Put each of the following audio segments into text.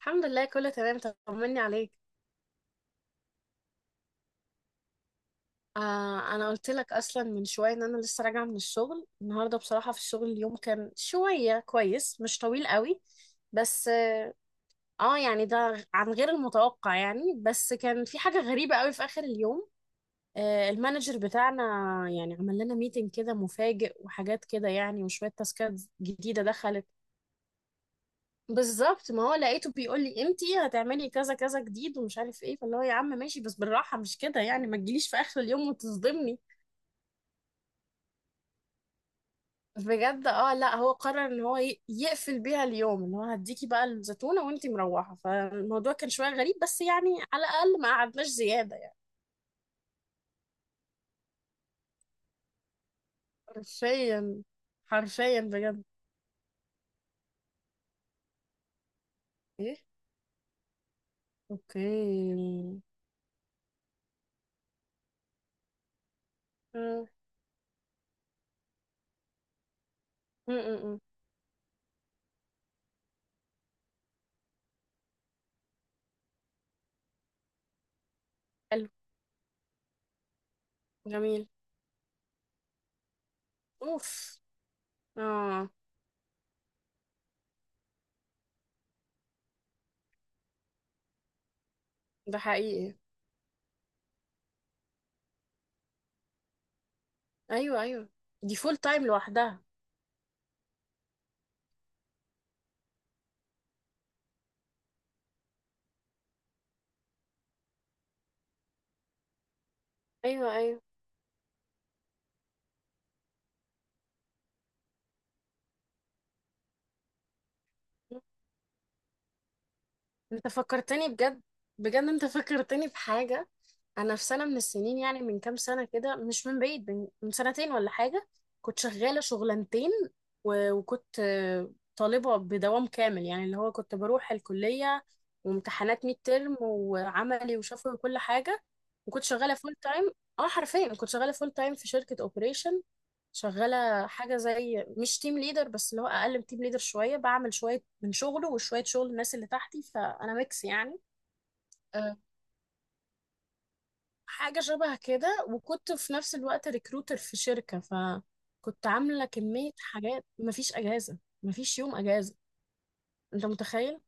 الحمد لله كله تمام. طمني عليك. انا قلت لك اصلا من شويه ان انا لسه راجعه من الشغل النهارده. بصراحه في الشغل اليوم كان شويه كويس، مش طويل قوي. بس اه يعني ده عن غير المتوقع يعني، بس كان في حاجه غريبه قوي في اخر اليوم. المانجر بتاعنا يعني عمل لنا ميتنج كده مفاجئ وحاجات كده يعني، وشويه تاسكات جديده دخلت. بالظبط، ما هو لقيته بيقول لي امتى هتعملي كذا كذا جديد ومش عارف ايه، فاللي هو يا عم ماشي بس بالراحه، مش كده يعني، ما تجيليش في اخر اليوم وتصدمني بجد. اه لا هو قرر ان هو يقفل بيها اليوم، ان هو هديكي بقى الزيتونه وانتي مروحه، فالموضوع كان شويه غريب بس يعني على الاقل ما قعدناش زياده يعني. حرفيا حرفيا بجد. ايه. اوكي. مم. مم. مم. حلو. جميل. اوف. اه، ده حقيقي. ايوه، ايوه، دي فول تايم لوحدها. ايوه ايوه، انت فكرتني بجد، بجد انت فكرتني بحاجه. انا في سنه من السنين، يعني من كام سنه كده مش من بعيد، من سنتين ولا حاجه، كنت شغاله شغلانتين. و- وكنت طالبه بدوام كامل، يعني اللي هو كنت بروح الكليه وامتحانات ميد ترم وعملي وشفوي وكل حاجه، وكنت شغاله فول تايم. اه حرفيا كنت شغاله فول تايم في شركه اوبريشن، شغالة حاجة زي مش تيم ليدر بس اللي هو أقل من تيم ليدر شوية، بعمل شوية من شغله وشوية شغل الناس اللي تحتي، فأنا ميكس يعني. أه، حاجة شبه كده، وكنت في نفس الوقت ريكروتر في شركة، فكنت عاملة كمية حاجات، مفيش أجازة، مفيش يوم أجازة. أنت متخيل؟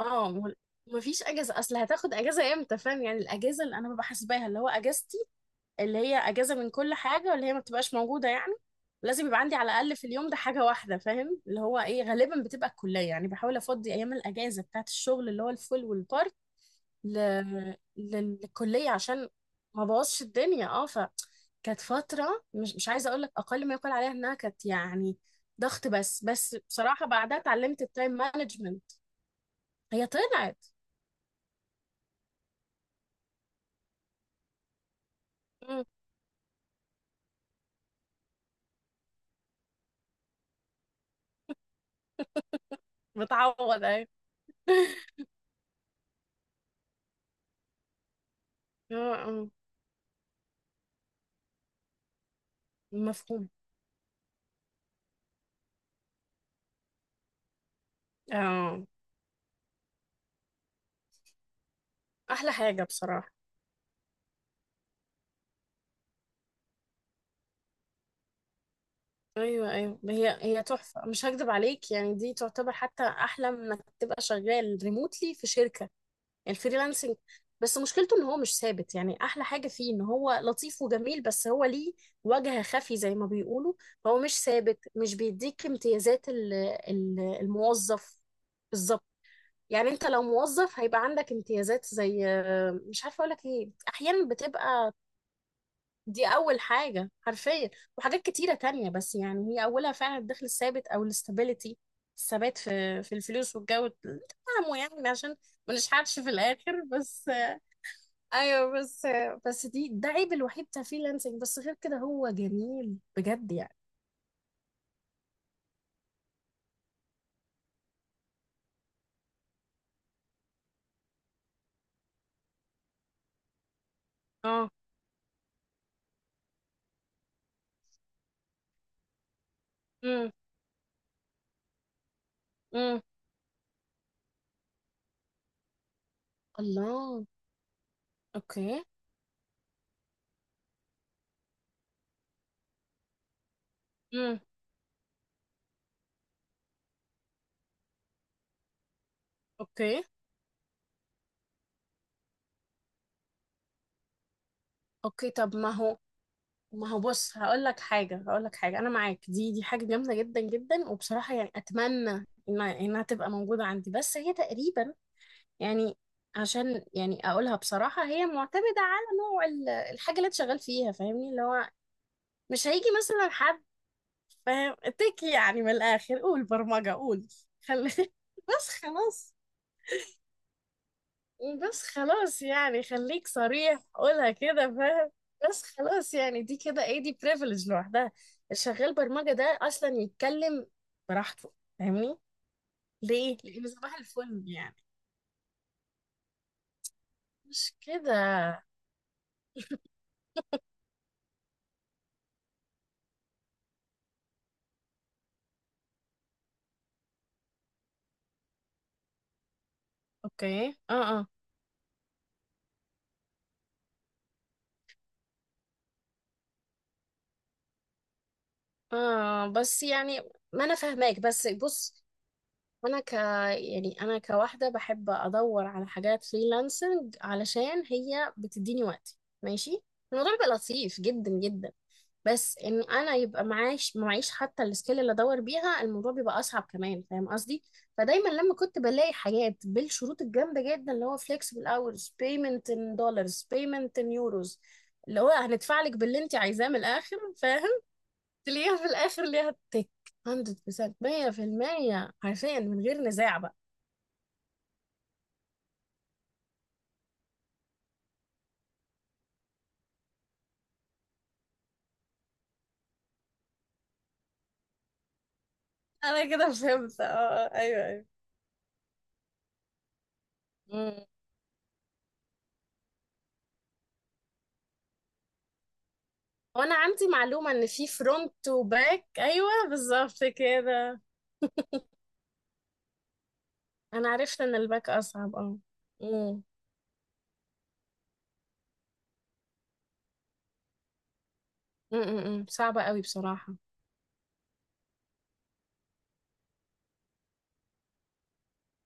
اه وال- مفيش أجازة، أصل هتاخد أجازة إمتى؟ فاهم يعني الأجازة اللي أنا ببقى حاسباها اللي هو أجازتي، اللي هي اجازه من كل حاجه، واللي هي ما بتبقاش موجوده يعني. لازم يبقى عندي على الاقل في اليوم ده حاجه واحده، فاهم اللي هو ايه؟ غالبا بتبقى الكليه، يعني بحاول افضي ايام الاجازه بتاعت الشغل اللي هو الفول والبارت للكليه عشان ما بوظش الدنيا. اه ف كانت فتره مش عايزه اقول لك، اقل ما يقال عليها انها كانت يعني ضغط، بس بصراحه بعدها اتعلمت التايم مانجمنت. هي طلعت. مم. بتعوض اهي. اه. اه. مفهوم. اه. احلى حاجه بصراحه. ايوه ايوه هي هي تحفه، مش هكدب عليك يعني، دي تعتبر حتى احلى من انك تبقى شغال ريموتلي في شركه، الفريلانسنج. بس مشكلته ان هو مش ثابت يعني، احلى حاجه فيه ان هو لطيف وجميل، بس هو ليه وجه خفي زي ما بيقولوا. فهو مش ثابت، مش بيديك امتيازات الموظف. بالظبط. يعني انت لو موظف هيبقى عندك امتيازات زي، مش عارفه اقول لك ايه، احيانا بتبقى. دي أول حاجة حرفيا، وحاجات كتيرة تانية، بس يعني هي أولها فعلا الدخل الثابت أو الاستابيليتي، الثبات في في الفلوس والجو تفهموا يعني، عشان ما نشحتش في الآخر. بس أيوه بس، دي عيب الوحيد بتاع فريلانسنج، بس غير كده هو جميل بجد يعني. اه. امم. امم. الله. اوكي. امم. اوكي. اوكي طب ما هو، ما هو بص هقول لك حاجه، هقول لك حاجه، انا معاك، دي حاجه جامده جدا جدا، وبصراحه يعني اتمنى انها تبقى موجوده عندي، بس هي تقريبا يعني، عشان يعني اقولها بصراحه، هي معتمده على نوع الحاجه اللي انت شغال فيها، فاهمني اللي هو مش هيجي مثلا حد فاهم تك، يعني من الاخر قول برمجه قول. خلي. بس خلاص. بس خلاص يعني، خليك صريح قولها كده فاهم. بس خلاص يعني دي كده ايه، دي بريفليج لوحدها، الشغال برمجة ده اصلا يتكلم براحته، فاهمني ليه؟ لانه صباح الفل يعني، مش كده؟ اوكي. اه. اه. اه بس يعني، ما انا فاهماك، بس بص، انا ك يعني انا كواحده بحب ادور على حاجات فريلانسنج، علشان هي بتديني وقتي ماشي، الموضوع بيبقى لطيف جدا جدا. بس ان انا يبقى معاش معيش حتى السكيل اللي ادور بيها، الموضوع بيبقى اصعب كمان، فاهم قصدي؟ فدايما لما كنت بلاقي حاجات بالشروط الجامده جدا، اللي هو flexible hours، payment in dollars، payment in euros، اللي هو هندفع لك باللي انت عايزاه من الاخر، تلاقيها في الاخر ليها تك. 100% 100% حرفيا من غير نزاع بقى. انا كده فهمت اه، ايوه ايوه. مم. وانا عندي معلومة ان في فرونت وباك، ايوه بالظبط كده. انا عرفت ان الباك اصعب، اه. مم. مم، مم، مم. صعبة قوي بصراحة.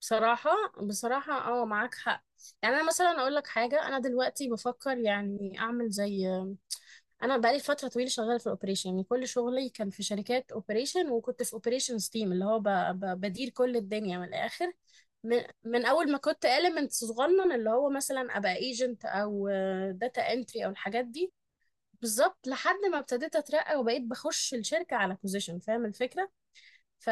بصراحة بصراحة اه معاك حق. يعني انا مثلا اقول لك حاجة، انا دلوقتي بفكر يعني اعمل زي، انا بقالي فترة طويلة شغالة في الاوبريشن، يعني كل شغلي كان في شركات اوبريشن، وكنت في اوبريشن تيم اللي هو بدير كل الدنيا من الاخر، من اول ما كنت element صغنن، اللي هو مثلا ابقى ايجنت او داتا انتري او الحاجات دي، بالظبط، لحد ما ابتديت اترقى وبقيت بخش الشركة على بوزيشن، فاهم الفكرة؟ ف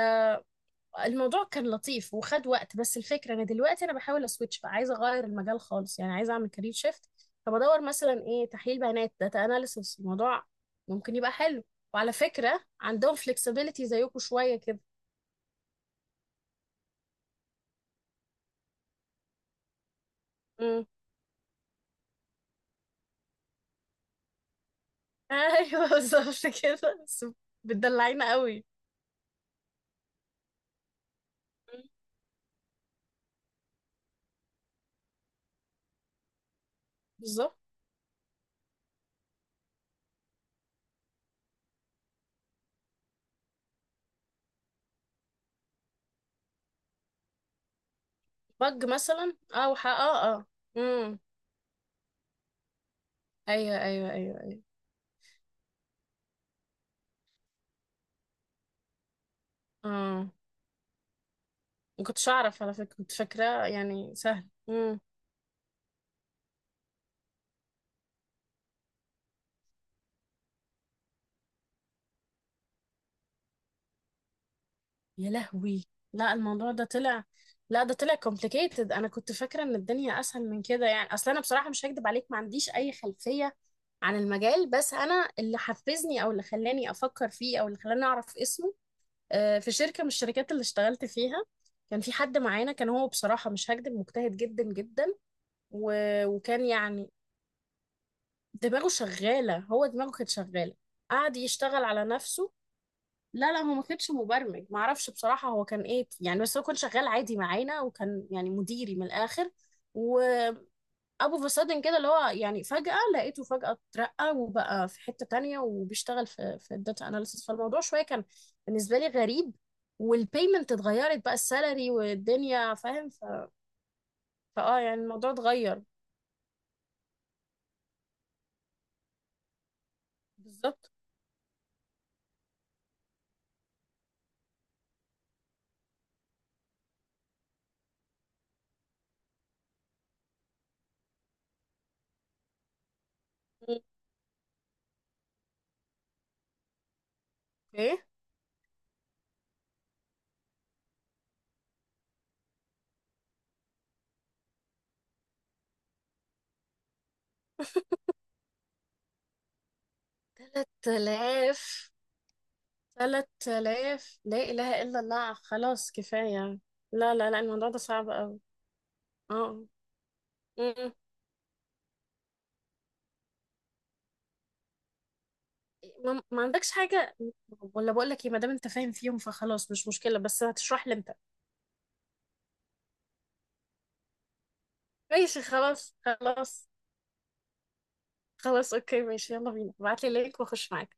الموضوع كان لطيف وخد وقت، بس الفكرة انا دلوقتي انا بحاول اسويتش بقى، عايزة اغير المجال خالص يعني، عايزة اعمل كارير شيفت. فبدور مثلا ايه، تحليل بيانات، داتا اناليسس، الموضوع ممكن يبقى حلو. وعلى فكرة عندهم فلكسبيليتي زيكم شوية كده. امم. ايوه بالظبط كده. بس بتدلعينا قوي. مم. بالظبط. بج مثلا اه. امم. ايوه ايوه ايوه ايوه. اه ما كنتش اعرف على فكرة، كنت فاكرة يعني سهل. يا لهوي، لا الموضوع ده طلع، لا ده طلع complicated. انا كنت فاكره ان الدنيا اسهل من كده يعني، اصل انا بصراحه مش هكدب عليك ما عنديش اي خلفيه عن المجال. بس انا اللي حفزني، او اللي خلاني افكر فيه، او اللي خلاني اعرف اسمه، في شركه من الشركات اللي اشتغلت فيها كان في حد معانا، كان هو بصراحه مش هكدب مجتهد جدا جدا، و- وكان يعني دماغه شغاله، هو دماغه كانت شغاله، قعد يشتغل على نفسه. لا لا هو ما كانش مبرمج، ما اعرفش بصراحة هو كان ايه يعني، بس هو كان شغال عادي معانا وكان يعني مديري من الاخر، وابو فساد كده، اللي هو يعني فجأة لقيته فجأة اترقى وبقى في حتة تانية وبيشتغل في في الداتا اناليسيس، فالموضوع شوية كان بالنسبة لي غريب، والبيمنت اتغيرت بقى، السالري والدنيا فاهم. ف... فاه يعني الموضوع اتغير. بالظبط. ايه. 3000. ثلاث آلاف. لا إله إلا الله خلاص كفاية. لا لا لا الموضوع ده صعب أوي. اه. م-م. ما ما عندكش حاجة، ولا بقول لك ايه، ما دام انت فاهم فيهم فخلاص مش مشكلة، بس هتشرح لي انت. ماشي خلاص خلاص. خلاص اوكي ماشي، يلا بينا، ابعت لي لينك واخش معاك.